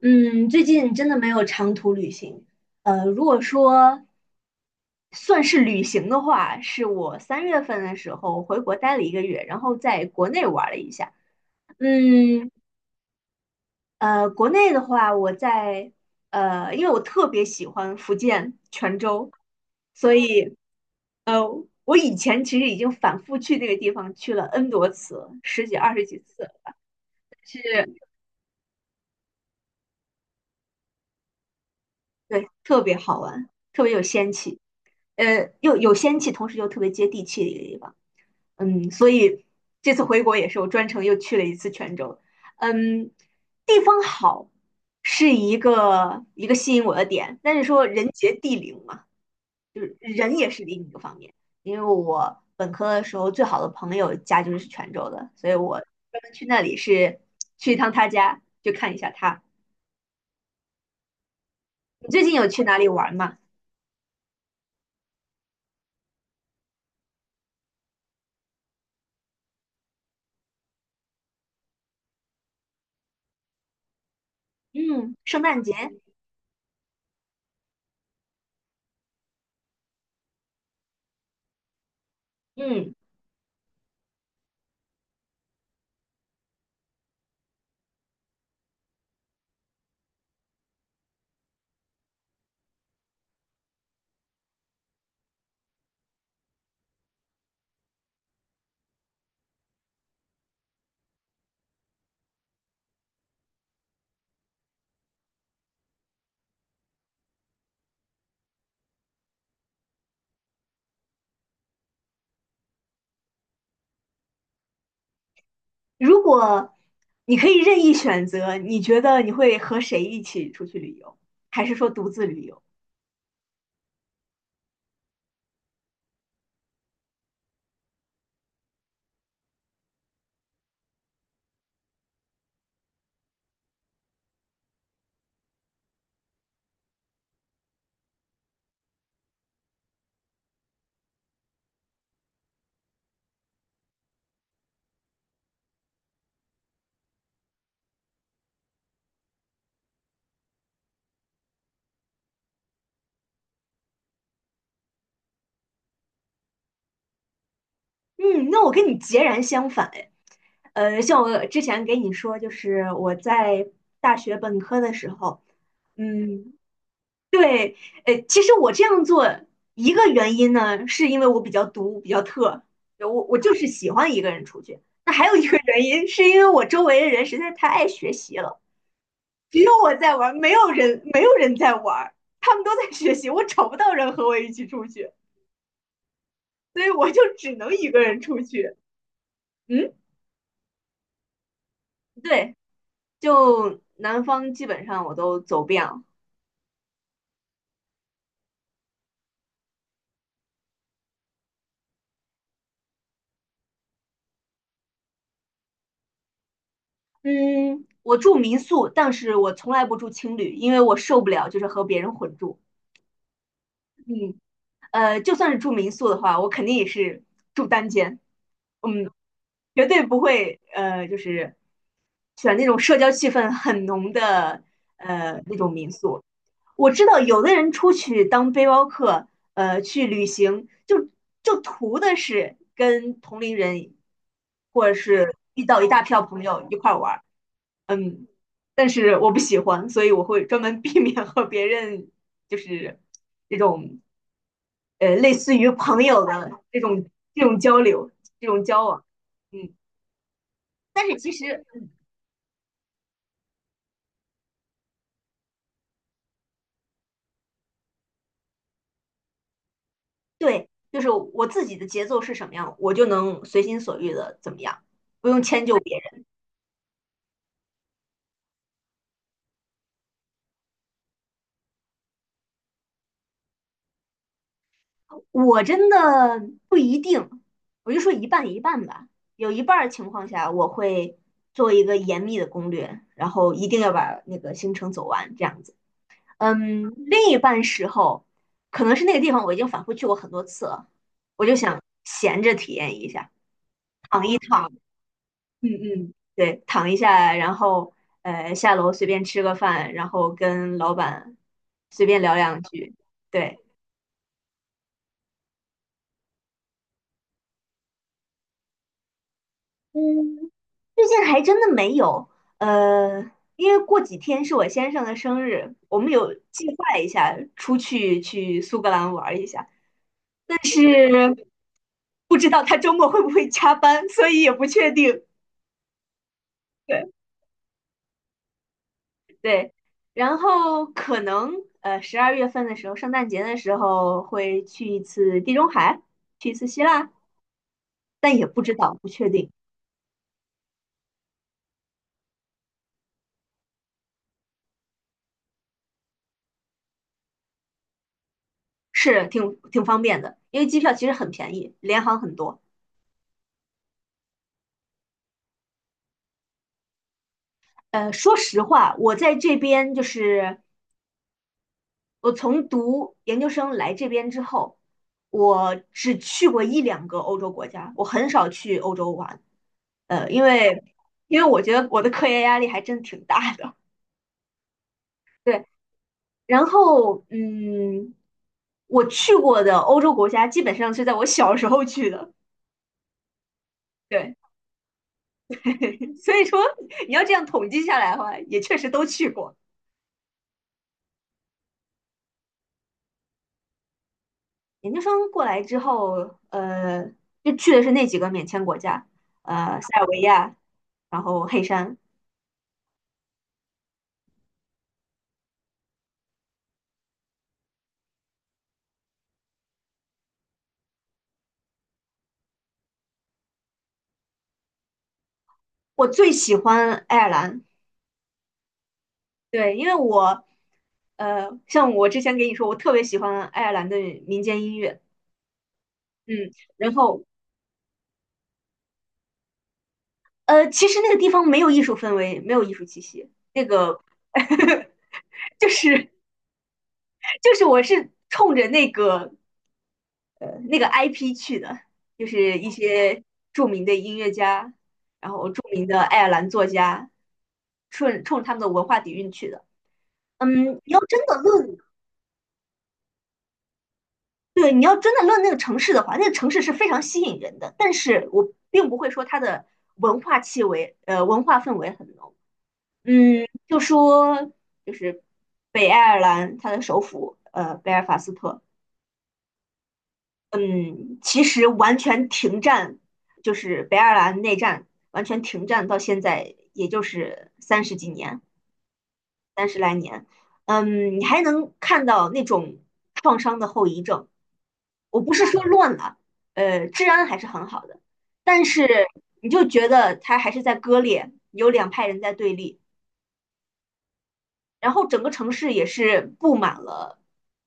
嗯，最近真的没有长途旅行。如果说算是旅行的话，是我3月份的时候回国待了1个月，然后在国内玩了一下。嗯，国内的话，因为我特别喜欢福建泉州，所以呃，我以前其实已经反复去那个地方去了 N 多次，十几、二十几次，是，对，特别好玩，特别有仙气。又有仙气，同时又特别接地气的一个地方。所以这次回国也是我专程又去了一次泉州。嗯，地方好是一个吸引我的点，但是说人杰地灵嘛，就是人也是另一个方面。因为我本科的时候最好的朋友家就是泉州的，所以我专门去那里是去一趟他家，就看一下他。你最近有去哪里玩吗？嗯，圣诞节。嗯。如果你可以任意选择，你觉得你会和谁一起出去旅游，还是说独自旅游？嗯，那我跟你截然相反哎。像我之前给你说，就是我在大学本科的时候，嗯，对，其实我这样做一个原因呢，是因为我比较独，比较特，我就是喜欢一个人出去。那还有一个原因，是因为我周围的人实在太爱学习了。只有我在玩，没有人在玩，他们都在学习，我找不到人和我一起出去，所以我就只能一个人出去。嗯，对，就南方基本上我都走遍了。嗯，我住民宿，但是我从来不住青旅，因为我受不了就是和别人混住。嗯，就算是住民宿的话，我肯定也是住单间。嗯，绝对不会就是选那种社交气氛很浓的那种民宿。我知道有的人出去当背包客，去旅行，就图的是跟同龄人，或者是遇到一大票朋友一块儿玩儿，嗯，但是我不喜欢，所以我会专门 避免和别人就是这种类似于朋友的这种交流、这种交往，嗯。但是其实对，就是我自己的节奏是什么样，我就能随心所欲的怎么样，不用迁就别人。我真的不一定，我就说一半一半吧。有一半儿情况下，我会做一个严密的攻略，然后一定要把那个行程走完，这样子。嗯，另一半时候，可能是那个地方我已经反复去过很多次了，我就想闲着体验一下，躺一躺。嗯嗯，对，躺一下，然后下楼随便吃个饭，然后跟老板随便聊两句。对，嗯，最近还真的没有，呃，因为过几天是我先生的生日，我们有计划一下出去去苏格兰玩一下，但是不知道他周末会不会加班，所以也不确定。对。对，然后可能12月份的时候，圣诞节的时候会去一次地中海，去一次希腊，但也不知道，不确定，是挺方便的，因为机票其实很便宜，联航很多。说实话，我在这边就是我从读研究生来这边之后，我只去过一两个欧洲国家，我很少去欧洲玩，呃，因为因为我觉得我的科研压力还真挺大的。对，然后，嗯，我去过的欧洲国家基本上是在我小时候去的，对，所以说你要这样统计下来的话，也确实都去过。研究生过来之后，就去的是那几个免签国家，塞尔维亚，然后黑山。我最喜欢爱尔兰，对，因为我，像我之前给你说，我特别喜欢爱尔兰的民间音乐，嗯，然后其实那个地方没有艺术氛围，没有艺术气息。就是就是我是冲着那个 IP 去的，就是一些著名的音乐家，然后著名的爱尔兰作家，顺冲他们的文化底蕴去的。嗯，你要真的论，对，你要真的论那个城市的话，那个城市是非常吸引人的，但是我并不会说它的文化气味，文化氛围很浓。嗯，就是北爱尔兰，它的首府贝尔法斯特，嗯，其实完全停战，就是北爱尔兰内战完全停战到现在，也就是三十几年，三十来年，嗯，你还能看到那种创伤的后遗症。我不是说乱了，治安还是很好的，但是你就觉得它还是在割裂，有两派人在对立。然后整个城市也是布满了，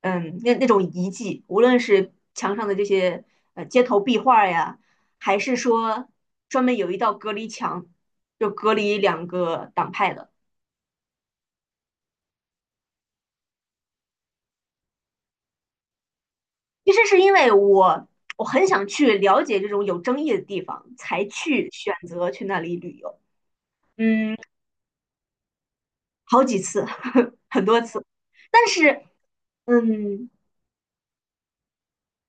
嗯，那种遗迹，无论是墙上的这些街头壁画呀，还是说专门有一道隔离墙，就隔离两个党派的。其实是因为我很想去了解这种有争议的地方，才去选择去那里旅游。嗯，好几次，很多次，但是嗯，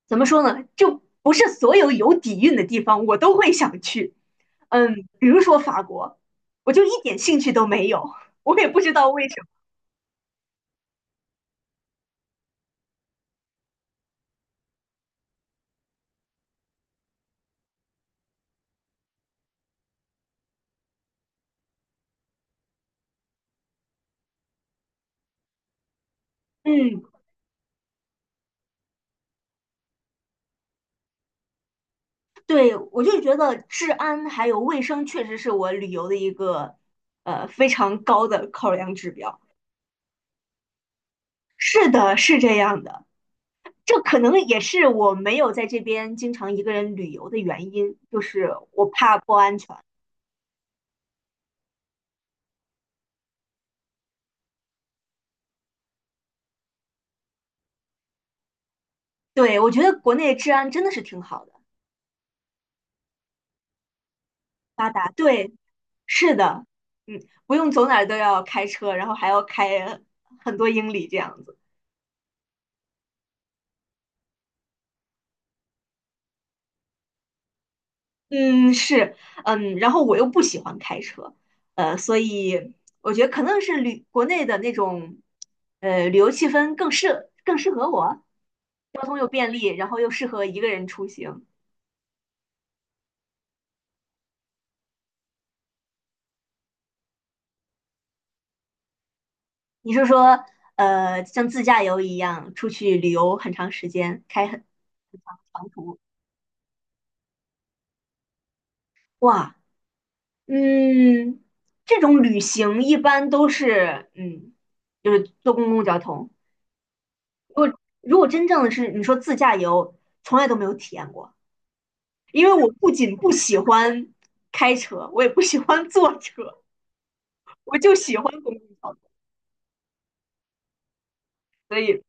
怎么说呢，就不是所有有底蕴的地方我都会想去。嗯，比如说法国，我就一点兴趣都没有，我也不知道为什么。嗯，对，我就觉得治安还有卫生确实是我旅游的一个非常高的考量指标。是的，是这样的。这可能也是我没有在这边经常一个人旅游的原因，就是我怕不安全。对，我觉得国内治安真的是挺好的，发达。对，是的，嗯，不用走哪儿都要开车，然后还要开很多英里这样子。嗯，是，嗯，然后我又不喜欢开车，所以我觉得可能是旅国内的那种，旅游气氛更适合我，交通又便利，然后又适合一个人出行。你是说，像自驾游一样出去旅游很长时间，开很长长途？哇，嗯，这种旅行一般都是，就是坐公共交通。如果真正的是你说自驾游，从来都没有体验过。因为我不仅不喜欢开车，我也不喜欢坐车，我就喜欢公共交通。所以，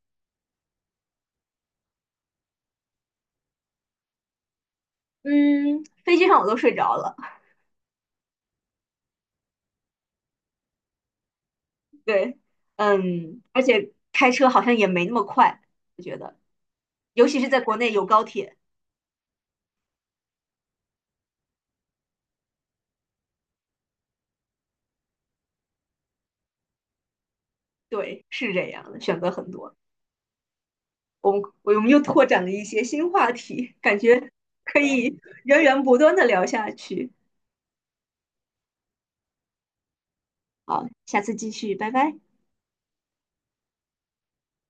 嗯，飞机上我都睡着了。对，嗯，而且开车好像也没那么快，我觉得，尤其是在国内有高铁，对，是这样的，选择很多。我们又拓展了一些新话题，感觉可以源源不断的聊下去。好，下次继续，拜拜。